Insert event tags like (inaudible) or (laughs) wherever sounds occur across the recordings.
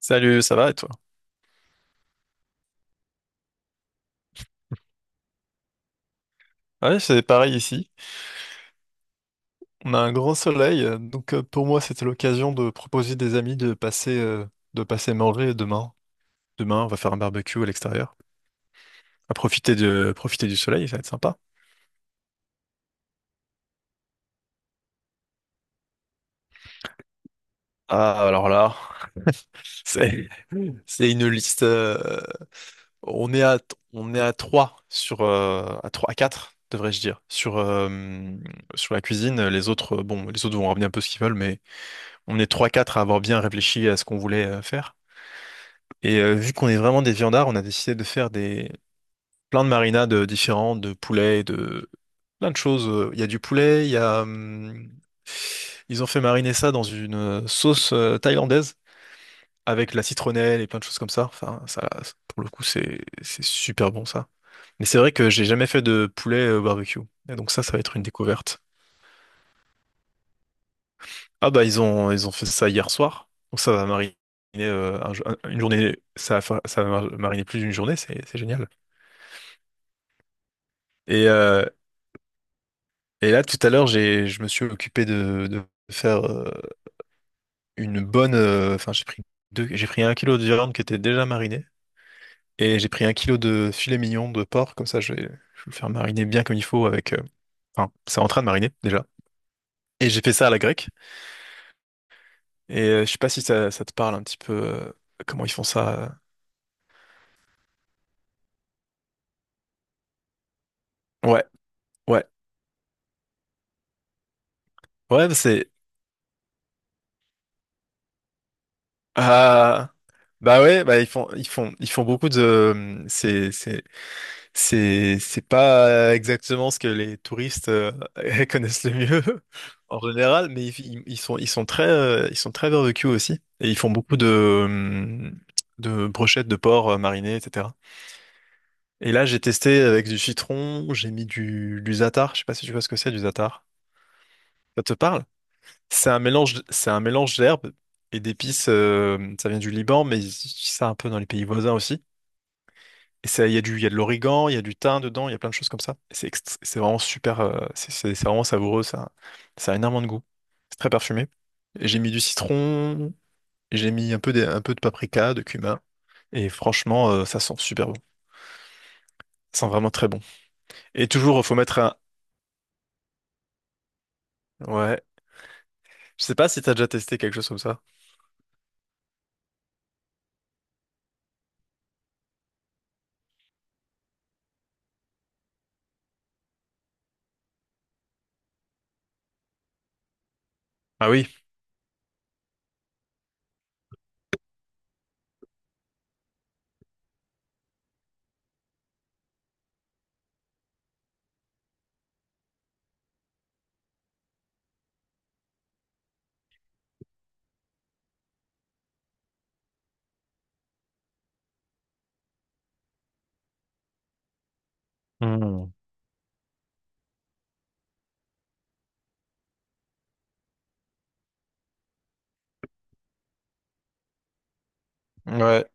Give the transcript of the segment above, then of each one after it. Salut, ça va et toi? Ouais, c'est pareil ici. On a un grand soleil, donc pour moi c'était l'occasion de proposer des amis de passer manger demain. Demain, on va faire un barbecue à l'extérieur. Profiter du soleil, ça va être sympa. Ah, alors là, (laughs) c'est, c'est une liste. On est à, on est à 3 sur, à 3 à 4 devrais-je dire, sur la cuisine. Les autres, bon, les autres vont ramener un peu ce qu'ils veulent, mais on est trois quatre à avoir bien réfléchi à ce qu'on voulait faire. Et vu qu'on est vraiment des viandards, on a décidé de faire des plein de marinades différentes, de poulet, de plein de choses. Il y a du poulet, il y a ils ont fait mariner ça dans une sauce thaïlandaise avec la citronnelle et plein de choses comme ça. Enfin, ça, pour le coup, c'est super bon ça. Mais c'est vrai que j'ai jamais fait de poulet au barbecue. Et donc ça va être une découverte. Ah bah ils ont fait ça hier soir. Donc ça va mariner une journée. Ça va mariner plus d'une journée. C'est génial. Et, euh, Et là, tout à l'heure, je me suis occupé de faire une bonne. Enfin, j'ai pris deux, j'ai pris un kilo de viande qui était déjà marinée et j'ai pris un kilo de filet mignon de porc. Comme ça, je vais le faire mariner bien comme il faut avec. Enfin, c'est en train de mariner déjà. Et j'ai fait ça à la grecque. Et je sais pas si ça te parle un petit peu comment ils font ça. Ouais, ouais, ouais. bah C'est Ah bah ouais, bah ils font beaucoup de. C'est pas exactement ce que les touristes (laughs) connaissent le mieux (laughs) en général, mais ils sont très barbecue aussi et ils font beaucoup de brochettes de porc marinées etc. Et là j'ai testé avec du citron, j'ai mis du za'atar, je sais pas si tu vois ce que c'est du za'atar. Ça te parle? C'est un mélange d'herbes et d'épices. Ça vient du Liban, mais ils utilisent ça un peu dans les pays voisins aussi. Et ça, il y a de l'origan, il y a du thym dedans, il y a plein de choses comme ça. Et c'est vraiment super, c'est vraiment savoureux, ça a énormément de goût. C'est très parfumé. Et j'ai mis du citron, j'ai mis un peu de paprika, de cumin, et franchement, ça sent super bon. Ça sent vraiment très bon. Et toujours, il faut mettre un. Ouais. Je sais pas si t'as déjà testé quelque chose comme ça. Ah oui. Hmm. Ouais.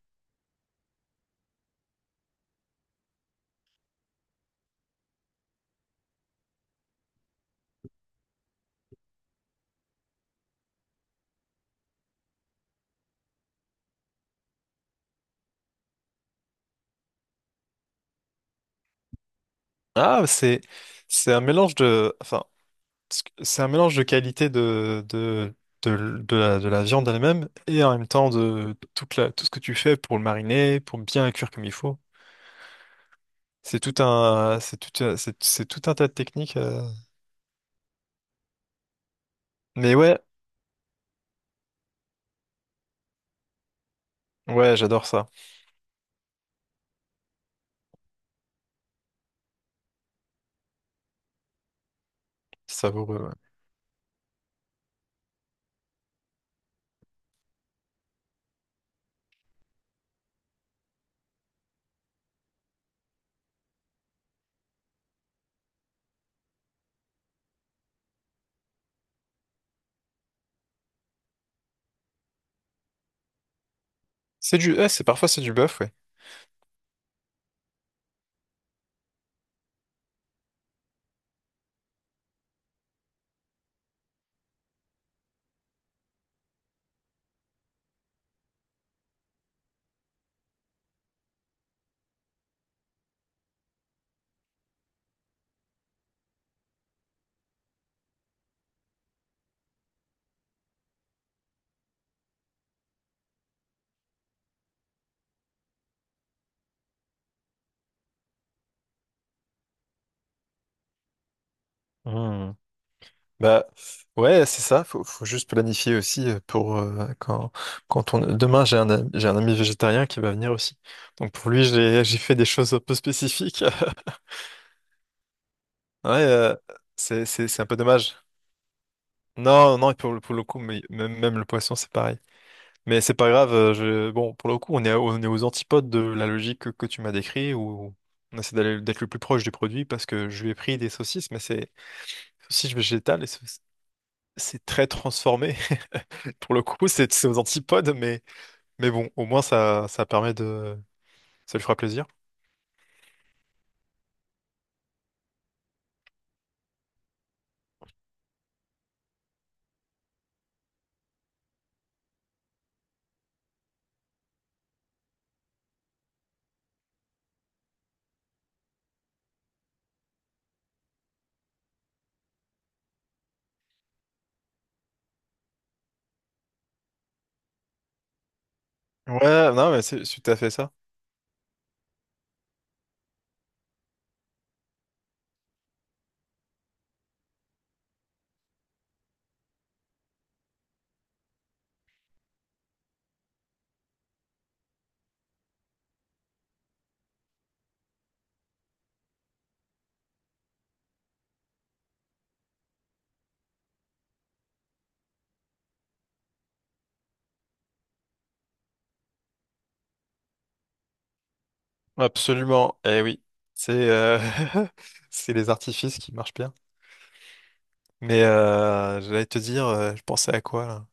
Ah, c'est un mélange de. Enfin, parce que c'est un mélange de qualité de, de la viande elle-même et en même temps de tout ce que tu fais pour le mariner, pour bien le cuire comme il faut. C'est tout un tas de techniques. Mais ouais, ouais, j'adore ça. C'est savoureux, ouais. C'est du, ouais, c'est parfois c'est du bœuf, ouais. Hmm. Bah ouais, c'est ça. Faut juste planifier aussi pour quand quand on demain j'ai j'ai un ami végétarien qui va venir aussi. Donc pour lui j'ai fait des choses un peu spécifiques. Ouais, c'est un peu dommage. Non, non, et pour, pour le coup, même, même le poisson, c'est pareil. Mais c'est pas grave, je... bon, pour le coup, on est aux antipodes de la logique que tu m'as décrit, où on essaie d'être le plus proche du produit, parce que je lui ai pris des saucisses, mais c'est saucisses végétales, et c'est très transformé. (laughs) Pour le coup, c'est aux antipodes, mais, bon, au moins, ça permet de... Ça lui fera plaisir. Ouais, non, mais c'est tout à fait ça. Absolument. Eh oui, c'est (laughs) c'est les artifices qui marchent bien. Mais j'allais te dire, je pensais à quoi là?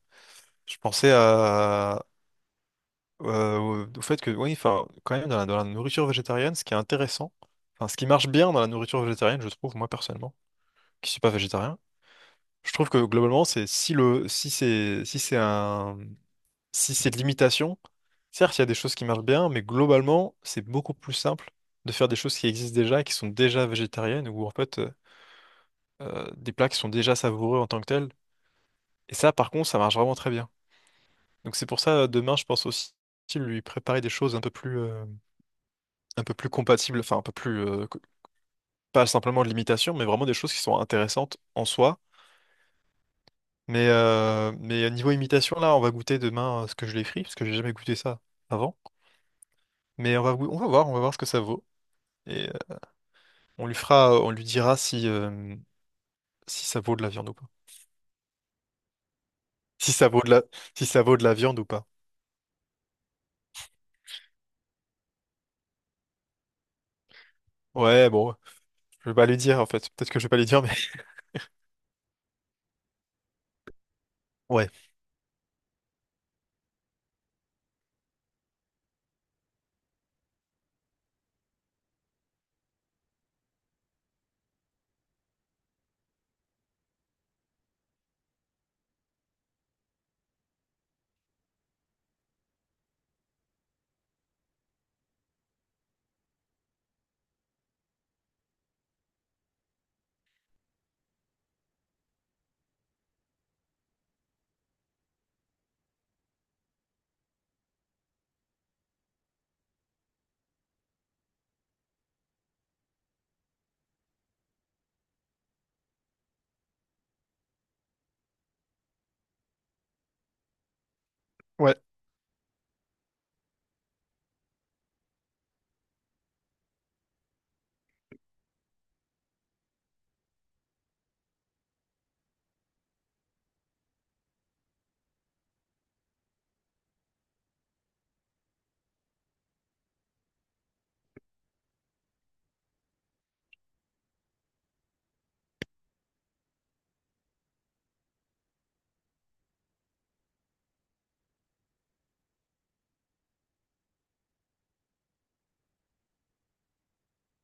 Je pensais à au au fait que oui, enfin, quand même dans la nourriture végétarienne, ce qui est intéressant, enfin, ce qui marche bien dans la nourriture végétarienne, je trouve moi personnellement. Qui suis pas végétarien. Je trouve que globalement, c'est si le si c'est si c'est un si c'est de l'imitation, certes, il y a des choses qui marchent bien, mais globalement, c'est beaucoup plus simple de faire des choses qui existent déjà et qui sont déjà végétariennes ou en fait des plats qui sont déjà savoureux en tant que tels. Et ça, par contre, ça marche vraiment très bien. Donc c'est pour ça, demain, je pense aussi lui préparer des choses un peu plus compatibles, enfin un peu plus co- pas simplement de l'imitation, mais vraiment des choses qui sont intéressantes en soi. Mais, niveau imitation, là, on va goûter demain ce que je l'ai frit, parce que j'ai jamais goûté ça avant. Mais on va, goû- on va voir ce que ça vaut. Et on lui dira si ça vaut de la viande ou pas. Si ça vaut de la, Si ça vaut de la viande ou pas. Ouais, bon, je vais pas lui dire en fait. Peut-être que je vais pas lui dire, mais (laughs) ouais, ouais.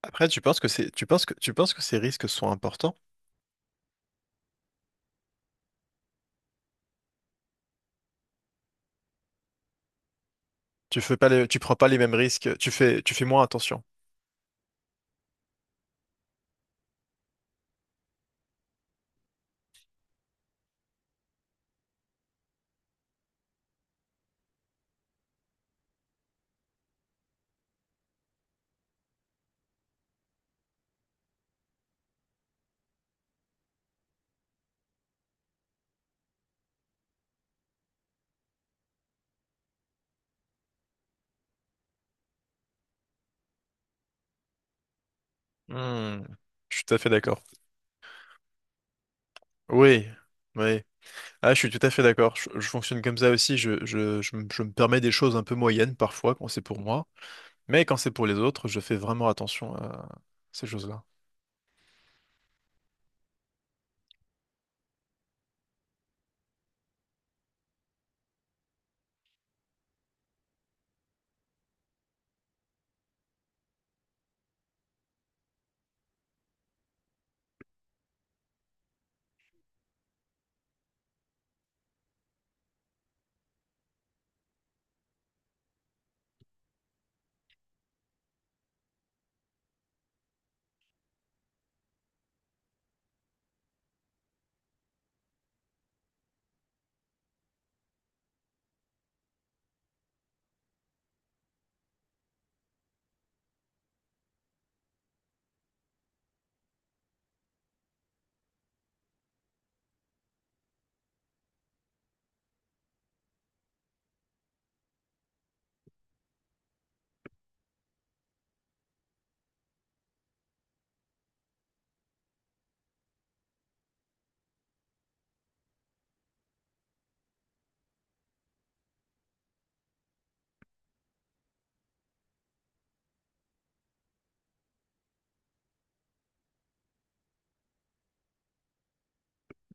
Après, tu penses que c'est, tu penses que ces risques sont importants? Tu prends pas les mêmes risques. Tu fais moins attention. Hmm, je suis tout à fait d'accord. Oui, oui. Ah, je suis tout à fait d'accord. Je fonctionne comme ça aussi. Je me permets des choses un peu moyennes parfois quand c'est pour moi. Mais quand c'est pour les autres, je fais vraiment attention à ces choses-là.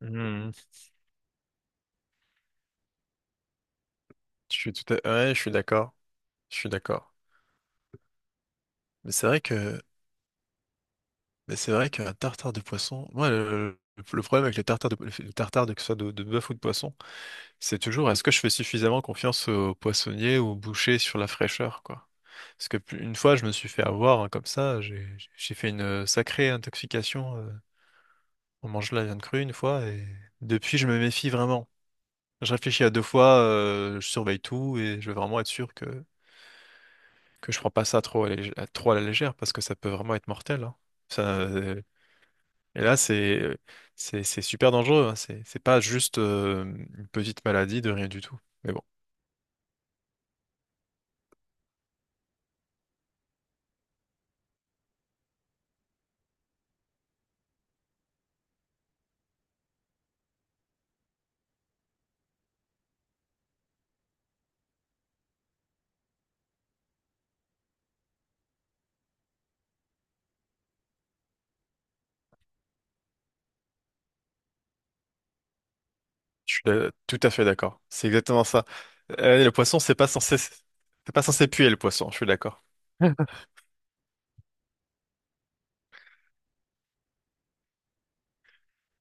Hmm. Je suis tout à... Ouais, je suis d'accord. Je suis d'accord. Mais c'est vrai que, mais c'est vrai qu'un tartare de poisson, moi, le problème avec les tartares de, que ce soit de bœuf ou de poisson, c'est toujours est-ce que je fais suffisamment confiance au poissonnier ou au boucher sur la fraîcheur, quoi. Parce que une fois, je me suis fait avoir hein, comme ça, j'ai fait une sacrée intoxication. On mange la viande crue une fois et depuis je me méfie vraiment. Je réfléchis à deux fois, je surveille tout et je veux vraiment être sûr que je prends pas ça trop à la légère parce que ça peut vraiment être mortel, hein. Ça, et là c'est super dangereux, hein. C'est pas juste une petite maladie de rien du tout. Mais bon. Tout à fait d'accord. C'est exactement ça. Le poisson, c'est pas censé puer le poisson. Je suis d'accord.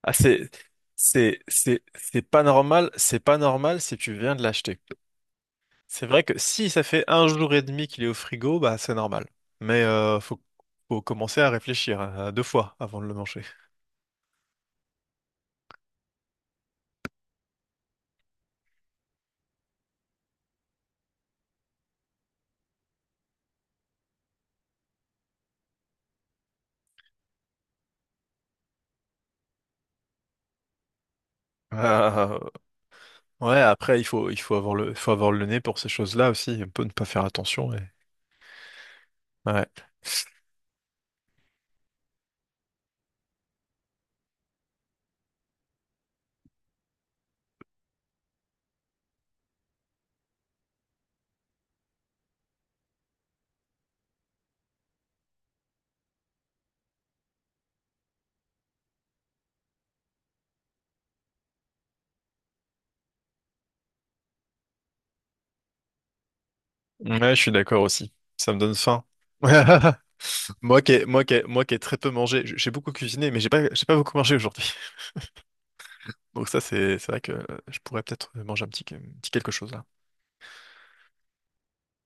Ah, c'est pas normal si tu viens de l'acheter. C'est vrai que si ça fait un jour et demi qu'il est au frigo, bah c'est normal. Mais faut commencer à réfléchir hein, à deux fois avant de le manger. Ah, ah, ah. Ouais, après, il faut avoir le nez pour ces choses-là aussi. Il peut ne pas faire attention. Ouais. Ouais, je suis d'accord aussi. Ça me donne faim. (laughs) Moi qui ai très peu mangé, j'ai beaucoup cuisiné, mais j'ai pas beaucoup mangé aujourd'hui. (laughs) Donc ça, c'est vrai que je pourrais peut-être manger un petit quelque chose là.